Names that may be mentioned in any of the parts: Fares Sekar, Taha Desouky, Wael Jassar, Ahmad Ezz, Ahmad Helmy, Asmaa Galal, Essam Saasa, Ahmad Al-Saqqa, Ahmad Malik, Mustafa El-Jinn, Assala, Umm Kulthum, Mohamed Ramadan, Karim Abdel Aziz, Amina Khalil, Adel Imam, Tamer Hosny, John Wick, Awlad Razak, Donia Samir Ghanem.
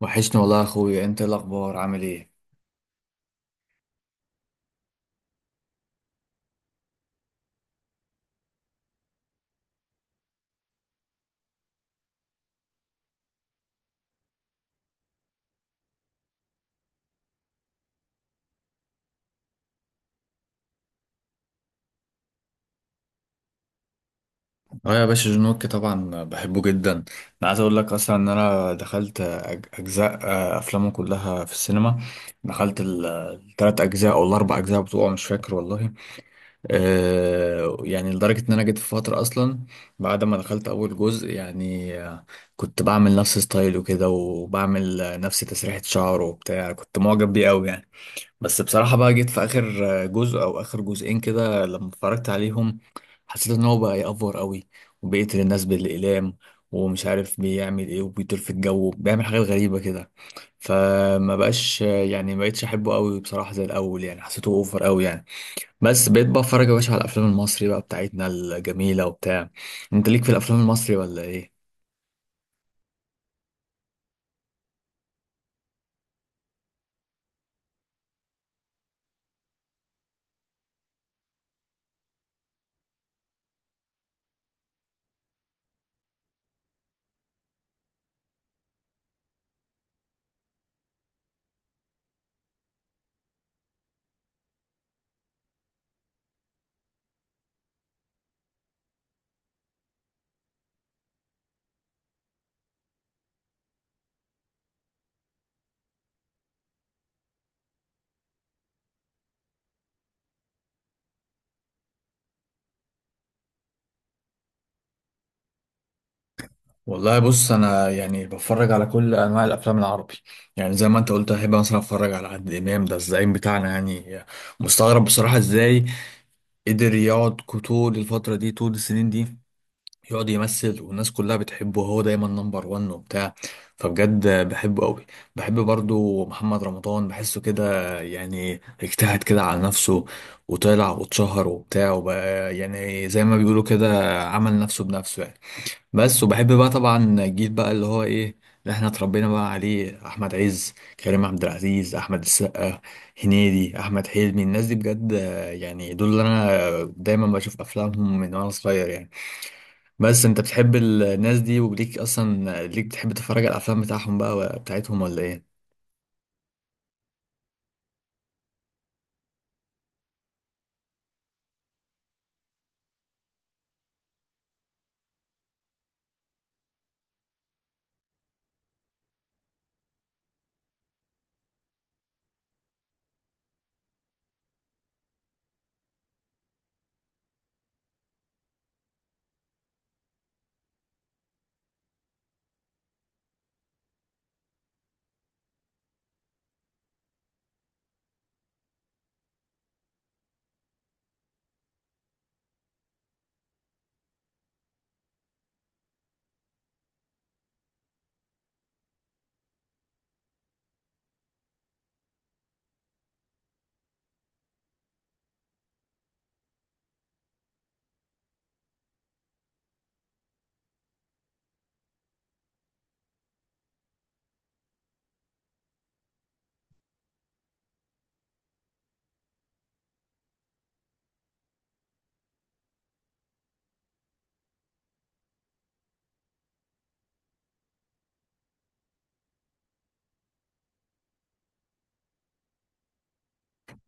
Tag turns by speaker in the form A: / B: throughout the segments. A: وحشني والله يا اخويا، انت إيه الاخبار؟ عامل ايه؟ اه يا باشا، جون ويك طبعا بحبه جدا. انا عايز اقول لك اصلا ان انا دخلت اجزاء افلامه كلها في السينما. دخلت التلات اجزاء او الاربع اجزاء بتوعه، مش فاكر والله. يعني لدرجه ان انا جيت في فتره اصلا بعد ما دخلت اول جزء يعني. كنت بعمل نفس ستايل وكده، وبعمل نفس تسريحه شعره وبتاع، كنت معجب بيه قوي يعني. بس بصراحة بقى جيت في آخر جزء أو آخر جزئين كده، لما اتفرجت عليهم حسيت إن هو بقى يأفور قوي، وبيقتل الناس بالإقلام ومش عارف بيعمل إيه، وبيطير في الجو بيعمل حاجات غريبة كده. فما بقاش يعني ما بقتش أحبه قوي بصراحة زي الأول، يعني حسيته أوفر قوي يعني. بس بقيت بقى أتفرج يا باشا على الأفلام المصري بقى بتاعتنا الجميلة وبتاع. أنت ليك في الأفلام المصري ولا إيه؟ والله بص، انا يعني بتفرج على كل انواع الافلام العربي. يعني زي ما انت قلت، احب مثلا اتفرج على عادل امام، ده الزعيم بتاعنا يعني. مستغرب بصراحه ازاي قدر يقعد طول الفتره دي، طول السنين دي، يقعد يمثل والناس كلها بتحبه، وهو دايما نمبر وان وبتاع. فبجد بحبه قوي. بحب برضو محمد رمضان، بحسه كده يعني اجتهد كده على نفسه وطلع واتشهر وبتاع، وبقى يعني زي ما بيقولوا كده عمل نفسه بنفسه يعني. بس وبحب بقى طبعا الجيل بقى اللي هو ايه، اللي احنا اتربينا بقى عليه، احمد عز، كريم عبد العزيز، احمد السقا، هنيدي، احمد حلمي. الناس دي بجد يعني دول اللي انا دايما بشوف افلامهم من وانا صغير يعني. بس انت بتحب الناس دي، وليك اصلا، ليك بتحب تتفرج على الافلام بتاعهم بقى بتاعتهم ولا ايه؟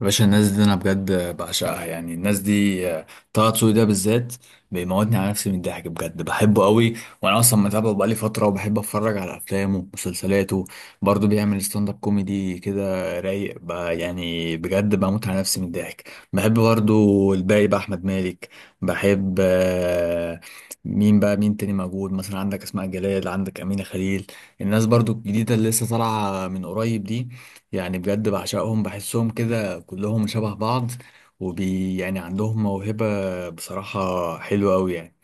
A: باشا، الناس دي انا بجد بعشقها. يعني الناس دي طه دسوقي ده بالذات بيموتني على نفسي من الضحك، بجد بحبه قوي. وانا اصلا متابعه بقالي فتره، وبحب اتفرج على افلامه ومسلسلاته. برضه بيعمل ستاند اب كوميدي كده، رايق بقى، يعني بجد بموت على نفسي من الضحك. بحب برضه الباقي بقى احمد مالك، بحب مين بقى، مين تاني موجود مثلا؟ عندك اسماء جلال، عندك امينه خليل، الناس برضو الجديده اللي لسه طالعه من قريب دي. يعني بجد بعشقهم، بحسهم كده كلهم شبه بعض، وبي يعني عندهم موهبة بصراحة حلوة أوي يعني.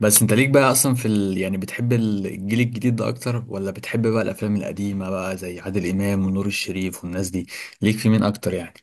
A: بس انت ليك بقى اصلا في ال... يعني بتحب الجيل الجديد ده اكتر، ولا بتحب بقى الافلام القديمة بقى زي عادل امام ونور الشريف والناس دي؟ ليك في مين اكتر يعني؟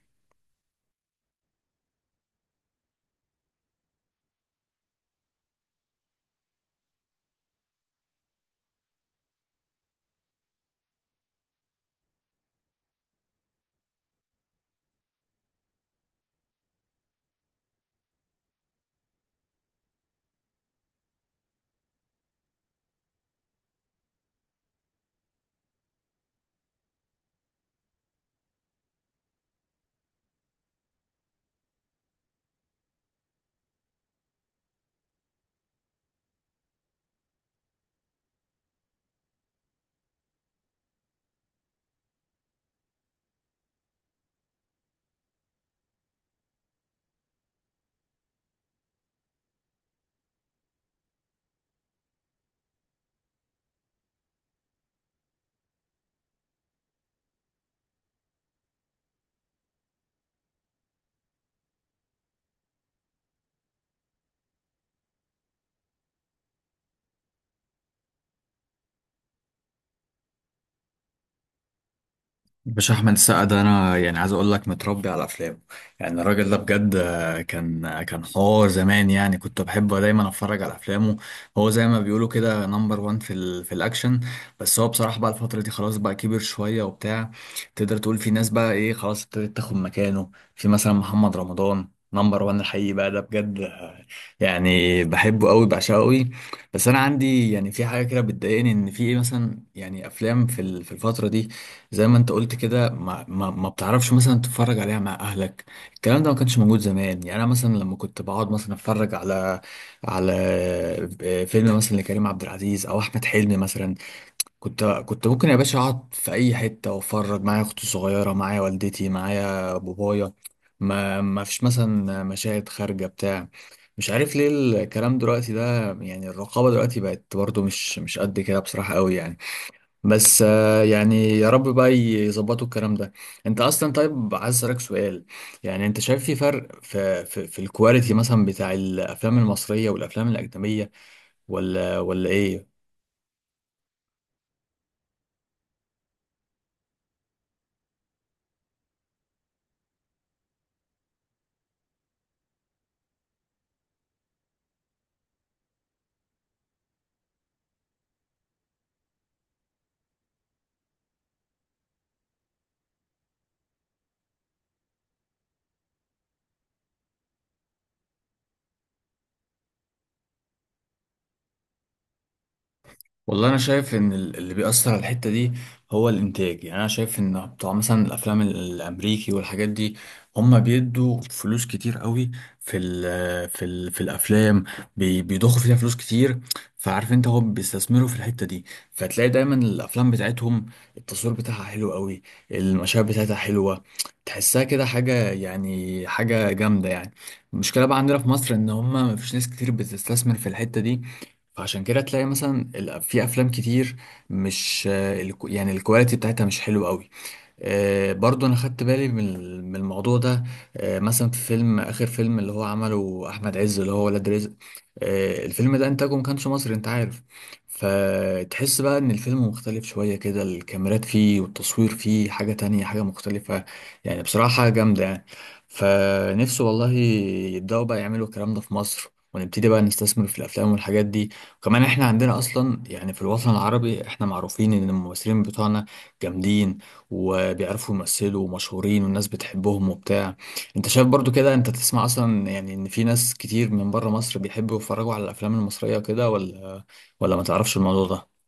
A: باشا، احمد السقا ده انا يعني عايز اقول لك متربي على افلامه. يعني الراجل ده بجد، كان حوار زمان يعني، كنت بحبه دايما اتفرج على افلامه. هو زي ما بيقولوا كده نمبر وان في في الاكشن. بس هو بصراحه بقى الفتره دي خلاص بقى كبر شويه وبتاع. تقدر تقول في ناس بقى ايه، خلاص ابتدت تاخد مكانه، في مثلا محمد رمضان، نمبر وان الحقيقي بقى ده بجد. يعني بحبه قوي، بعشقه قوي. بس انا عندي يعني في حاجه كده بتضايقني، ان في ايه مثلا يعني افلام في في الفتره دي، زي ما انت قلت كده، ما بتعرفش مثلا تتفرج عليها مع اهلك. الكلام ده ما كانش موجود زمان. يعني انا مثلا لما كنت بقعد مثلا اتفرج على على فيلم مثلا لكريم عبد العزيز او احمد حلمي مثلا، كنت ممكن يا باشا اقعد في اي حته واتفرج، معايا اختي الصغيره، معايا والدتي، معايا بابايا. ما فيش مثلا مشاهد خارجه بتاع مش عارف ليه الكلام دلوقتي ده. يعني الرقابه دلوقتي بقت برضو مش قد كده بصراحه قوي يعني. بس يعني يا رب بقى يظبطوا الكلام ده. انت اصلا طيب، عايز اسالك سؤال. يعني انت شايف في فرق في في الكواليتي مثلا بتاع الافلام المصريه والافلام الاجنبيه، ولا ايه؟ والله انا شايف ان اللي بيأثر على الحتة دي هو الانتاج. يعني انا شايف ان بتوع مثلا الافلام الامريكي والحاجات دي، هم بيدوا فلوس كتير قوي في ال في ال في الافلام. بيضخوا فيها فلوس كتير. فعارف انت، هم بيستثمروا في الحتة دي، فتلاقي دايما الافلام بتاعتهم التصوير بتاعها حلو قوي، المشاهد بتاعتها حلوة، تحسها كده حاجة يعني حاجة جامدة يعني. المشكلة بقى عندنا في مصر ان هم مفيش ناس كتير بتستثمر في الحتة دي. فعشان كده تلاقي مثلا في افلام كتير مش يعني الكواليتي بتاعتها مش حلوه قوي. برضو انا خدت بالي من من الموضوع ده. مثلا في فيلم، اخر فيلم اللي هو عمله احمد عز، اللي هو ولاد رزق، الفيلم ده انتاجه ما كانش مصري انت عارف. فتحس بقى ان الفيلم مختلف شوية كده، الكاميرات فيه والتصوير فيه حاجة تانية، حاجة مختلفة، يعني بصراحة حاجة جامدة يعني. فنفسه والله يبدأوا بقى يعملوا الكلام ده في مصر، ونبتدي بقى نستثمر في الافلام والحاجات دي. وكمان احنا عندنا اصلا يعني في الوطن العربي، احنا معروفين ان الممثلين بتوعنا جامدين، وبيعرفوا يمثلوا، ومشهورين والناس بتحبهم وبتاع. انت شايف برضو كده؟ انت تسمع اصلا يعني ان في ناس كتير من بره مصر بيحبوا يتفرجوا على الافلام المصرية وكده، ولا ما تعرفش الموضوع ده؟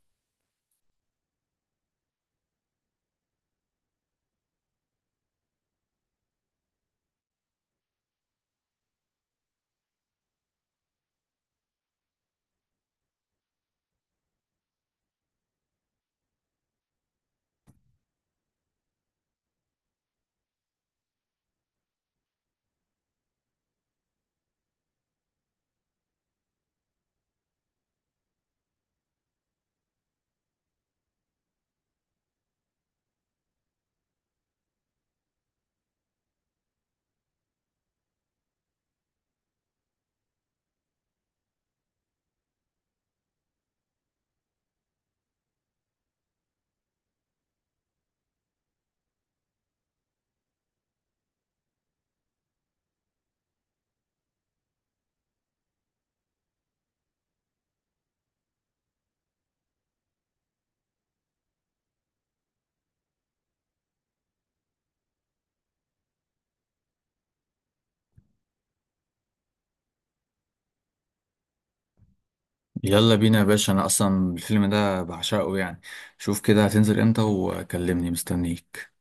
A: يلا بينا يا باشا، انا اصلا الفيلم ده بعشقه يعني. شوف كده هتنزل امتى وكلمني، مستنيك.